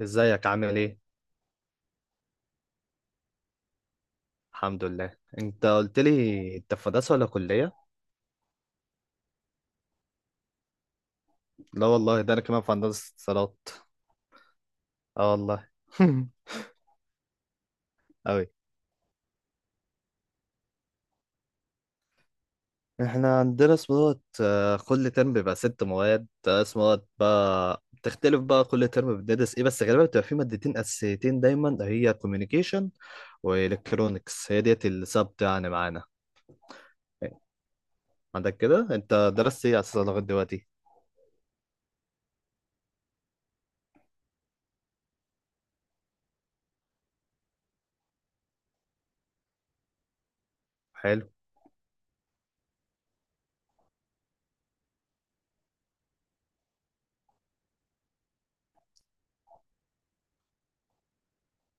ازيك عامل ايه؟ الحمد لله، انت قلت لي انت في هندسه ولا كليه؟ لا والله ده انا كمان في هندسه اتصالات. اه والله. اوي. احنا عندنا اسمه دوت، كل ترم بيبقى ست مواد، اسمه دوت بقى بتختلف بقى كل ترم بندرس ايه، بس غالبا بتبقى في مادتين اساسيتين دايما، هي كوميونيكيشن والكترونكس، هي ديت السبت يعني معانا. عندك كده، انت درست ايه اساسا لغايه دلوقتي؟ حلو.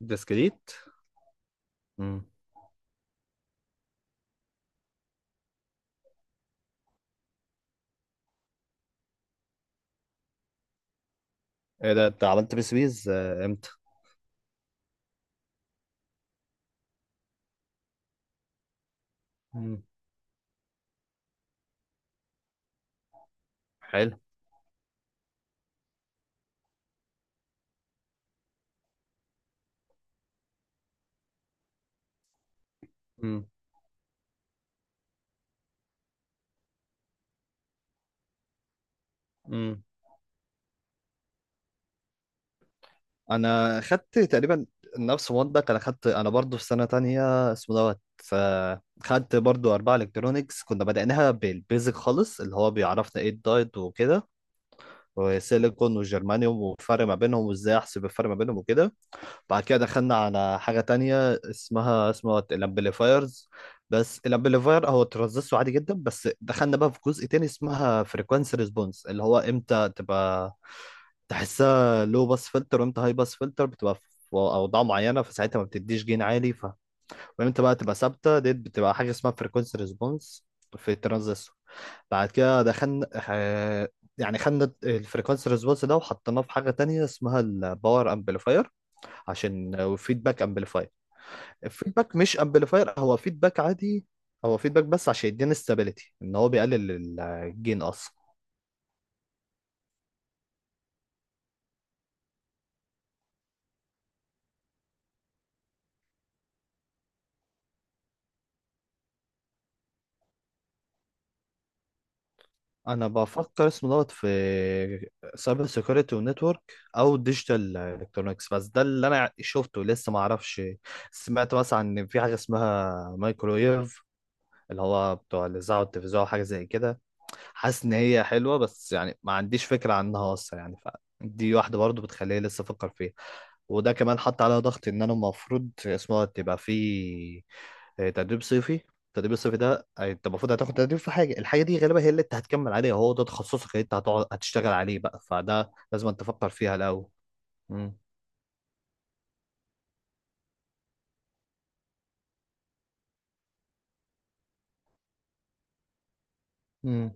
ديسكريت. امم. ايه ده، انت عملت بسويز امتى؟ حلو. امم. امم. انا خدت تقريبا نفس مودك، انا برضو في سنه تانية اسمه دوت، خدت برضو اربعه الكترونيكس، كنا بدأناها بالبيزك خالص، اللي هو بيعرفنا ايه الدايت وكده، وسيليكون وجرمانيوم والفرق ما بينهم، وازاي احسب الفرق ما بينهم وكده. بعد كده دخلنا على حاجة تانية اسمها الامبليفايرز، بس الامبليفاير هو ترانزستور عادي جدا، بس دخلنا بقى في جزء تاني اسمها فريكوانسي ريسبونس، اللي هو امتى تبقى تحسها لو باس فلتر، وامتى هاي باس فلتر بتبقى في اوضاع معينة فساعتها ما بتديش جين عالي. وامتى بقى تبقى ثابتة، دي بتبقى حاجة اسمها فريكوانسي ريسبونس في الترانزستور. بعد كده دخلنا، يعني خدنا الفريكوانسي ريسبونس ده وحطيناه في حاجة تانية اسمها الباور امبليفاير عشان فيدباك امبليفاير. الفيدباك مش امبليفاير، هو فيدباك عادي، هو فيدباك بس عشان يدينا استابيليتي ان هو بيقلل الجين اصلا. انا بفكر اسمه دوت في سايبر سيكيورتي ونتورك، او ديجيتال الكترونكس، بس ده اللي انا شفته، لسه ما اعرفش. سمعت مثلا ان في حاجه اسمها مايكرويف، اللي هو بتوع الاذاعه والتلفزيون أو حاجه زي كده. حاسس ان هي حلوه، بس يعني ما عنديش فكره عنها اصلا يعني، فدي واحده برضو بتخليني لسه افكر فيها. وده كمان حط عليها ضغط ان انا المفروض اسمها تبقى في تدريب صيفي. التدريب الصيفي ده، انت المفروض هتاخد تدريب في حاجه، الحاجه دي غالبا هي اللي انت هتكمل عليها، هو ده تخصصك اللي انت هتقعد هتشتغل عليه بقى، فده لازم انت تفكر فيها الاول. امم. امم.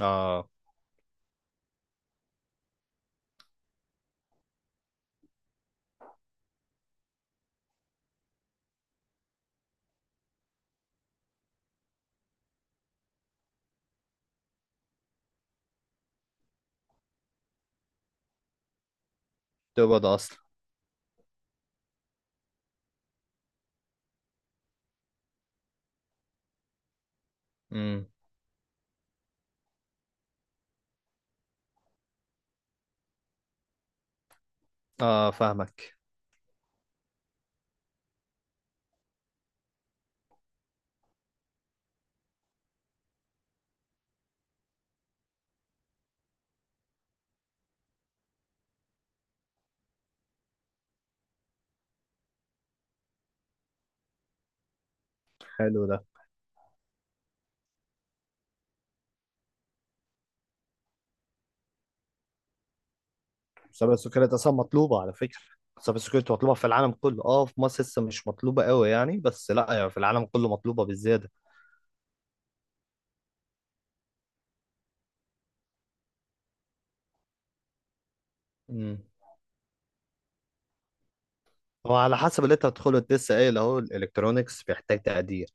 اه. تبقى ده اصلا. امم. اه، فاهمك. حلو ده. مسابقة السكريات أصلا مطلوبة على فكرة. مسابقة السكريات مطلوبة في العالم كله، اه في مصر لسه مش مطلوبة قوي يعني، بس لا يعني في العالم كله مطلوبة بالزيادة. امم. هو على حسب اللي انت هتدخله، انت لسه قايل اهو الالكترونكس بيحتاج تقدير،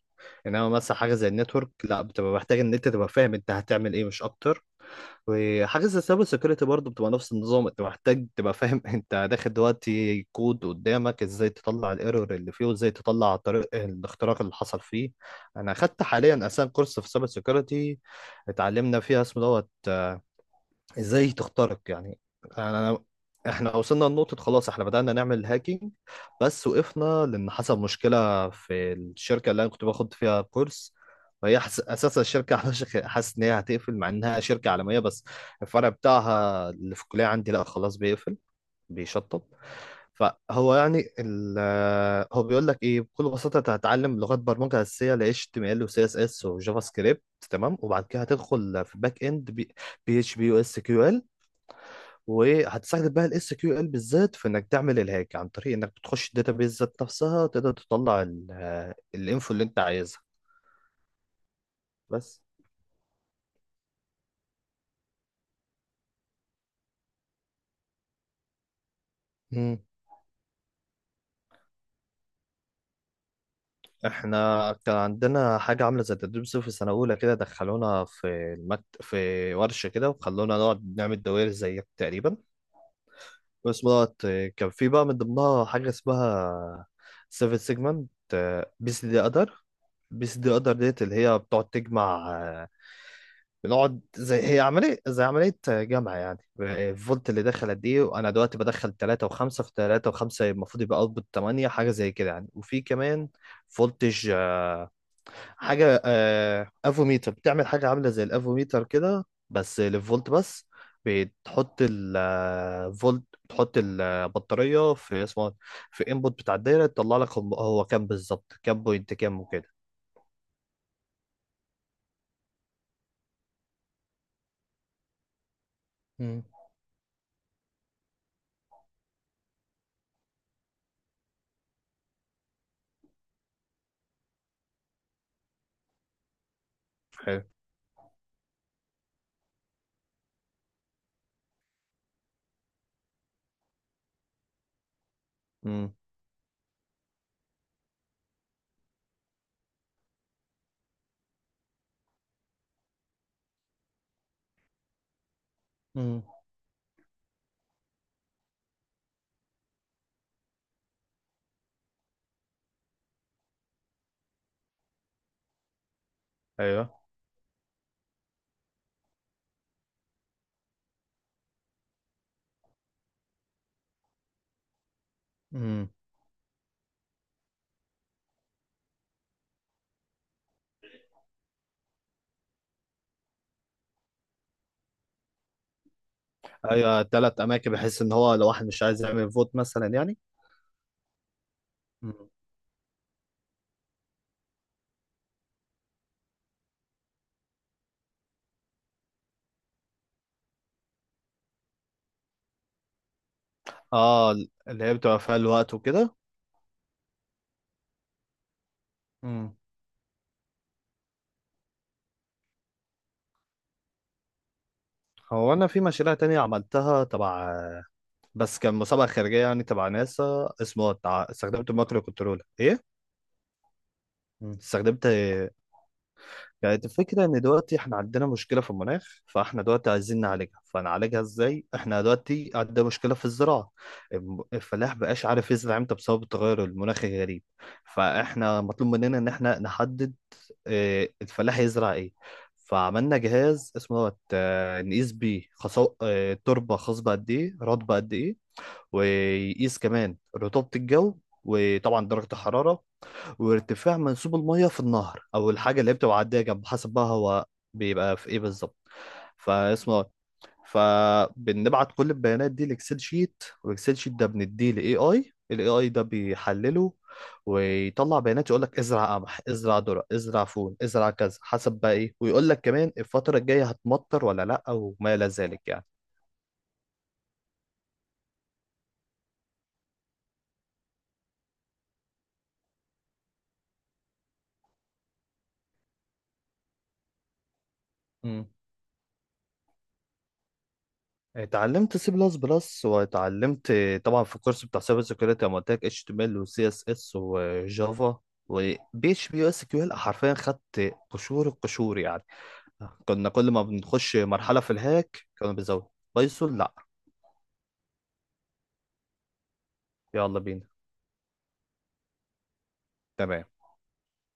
انما مثلا حاجه زي النتورك لا، بتبقى محتاج ان انت تبقى فاهم انت هتعمل ايه، مش اكتر. وحاجة زي السايبر سيكيورتي برضه بتبقى نفس النظام، انت محتاج تبقى فاهم انت داخل دلوقتي كود قدامك، ازاي تطلع الايرور اللي فيه، وازاي تطلع طريق الاختراق اللي حصل فيه. انا اخدت حاليا اساسا كورس في السايبر سيكيورتي، اتعلمنا فيها اسمه دوت ازاي تخترق يعني. انا احنا وصلنا لنقطة، خلاص احنا بدأنا نعمل هاكينج، بس وقفنا لأن حصل مشكلة في الشركة اللي انا كنت باخد فيها كورس. اساسا الشركة حاسس ان هي هتقفل مع انها شركة عالمية، بس الفرع بتاعها اللي في الكلية عندي لا، خلاص بيقفل، بيشطب. فهو يعني ال... هو بيقول لك ايه بكل بساطة، انت هتتعلم لغات برمجة أساسية ل HTML و CSS و JavaScript، تمام. وبعد كده هتدخل في باك اند، بي اتش بي، يو اس كيو ال، وهتساعدك بقى الاس كيو ال بالذات في انك تعمل الهاج عن طريق انك بتخش الداتابيز ذات نفسها، تقدر تطلع الانفو اللي انت عايزها. بس. مم. احنا كان عندنا حاجه عامله زي التدريب صيفي في سنه اولى، كده دخلونا في في ورشه كده، وخلونا نقعد نعمل دوائر زيك تقريبا، بس دوت. كان في بقى من ضمنها حاجه اسمها سيفن سيجمنت، بيس دي ادر بيس دي ادر ديت اللي هي بتقعد تجمع، بنقعد زي هي عملية زي عملية جمع يعني، الفولت اللي داخل قد ايه، وانا دلوقتي بدخل 3 و5 في 3 و5 المفروض يبقى اوتبوت 8، حاجة زي كده يعني. وفي كمان فولتج، حاجة، افوميتر بتعمل حاجة عاملة زي الافوميتر كده بس للفولت بس، بتحط الفولت، بتحط البطارية في اسمه إيه؟ في انبوت بتاع الدايرة، تطلع لك هو كام بالظبط، كام بوينت كام وكده. مم. حلو. امم. مم. ايوه. مم. ايوه، ثلاث اماكن، بحيث ان هو لو واحد مش عايز يعمل فوت مثلا يعني. مم. اه اللي هي بتبقى فيها الوقت وكده. مم. هو انا في مشاريع تانية عملتها تبع، بس كان مسابقة خارجية يعني تبع ناسا اسمه استخدمت المايكرو كنترول ايه. مم. استخدمت، يعني الفكرة ان دلوقتي احنا عندنا مشكلة في المناخ، فاحنا دلوقتي عايزين نعالجها، فنعالجها ازاي؟ احنا دلوقتي عندنا مشكلة في الزراعة، الفلاح بقاش عارف يزرع امتى بسبب التغير المناخي الغريب، فاحنا مطلوب مننا ان احنا نحدد إيه الفلاح يزرع ايه. فعملنا جهاز اسمه دوت، نقيس بيه خصو... آه، التربه خصبه قد ايه، رطبه قد ايه، ويقيس كمان رطوبه الجو، وطبعا درجه الحراره، وارتفاع منسوب الميه في النهر او الحاجه اللي بتبقى عاديه جنب، حسب بقى هو بيبقى في ايه بالظبط، فاسمه دوت. فبنبعت كل البيانات دي لاكسل شيت، والاكسل شيت ده بنديه لاي اي، الاي اي ده بيحلله ويطلع بيانات، يقول لك ازرع قمح، ازرع ذره، ازرع فول، ازرع كذا، حسب بقى ايه، ويقول لك كمان الفتره الجايه هتمطر ولا لا، وما الى ذلك يعني. مم. اتعلمت سي بلس بلس، واتعلمت طبعا في الكورس بتاع سايبر سيكيورتي انا قلت لك اتش تي ام ال وسي اس اس وجافا وبي اتش بي واس كيو ال، حرفيا خدت قشور القشور يعني، كنا كل ما بنخش مرحلة في الهاك كانوا بيزودوا. بايثون لا. يلا بينا. تمام.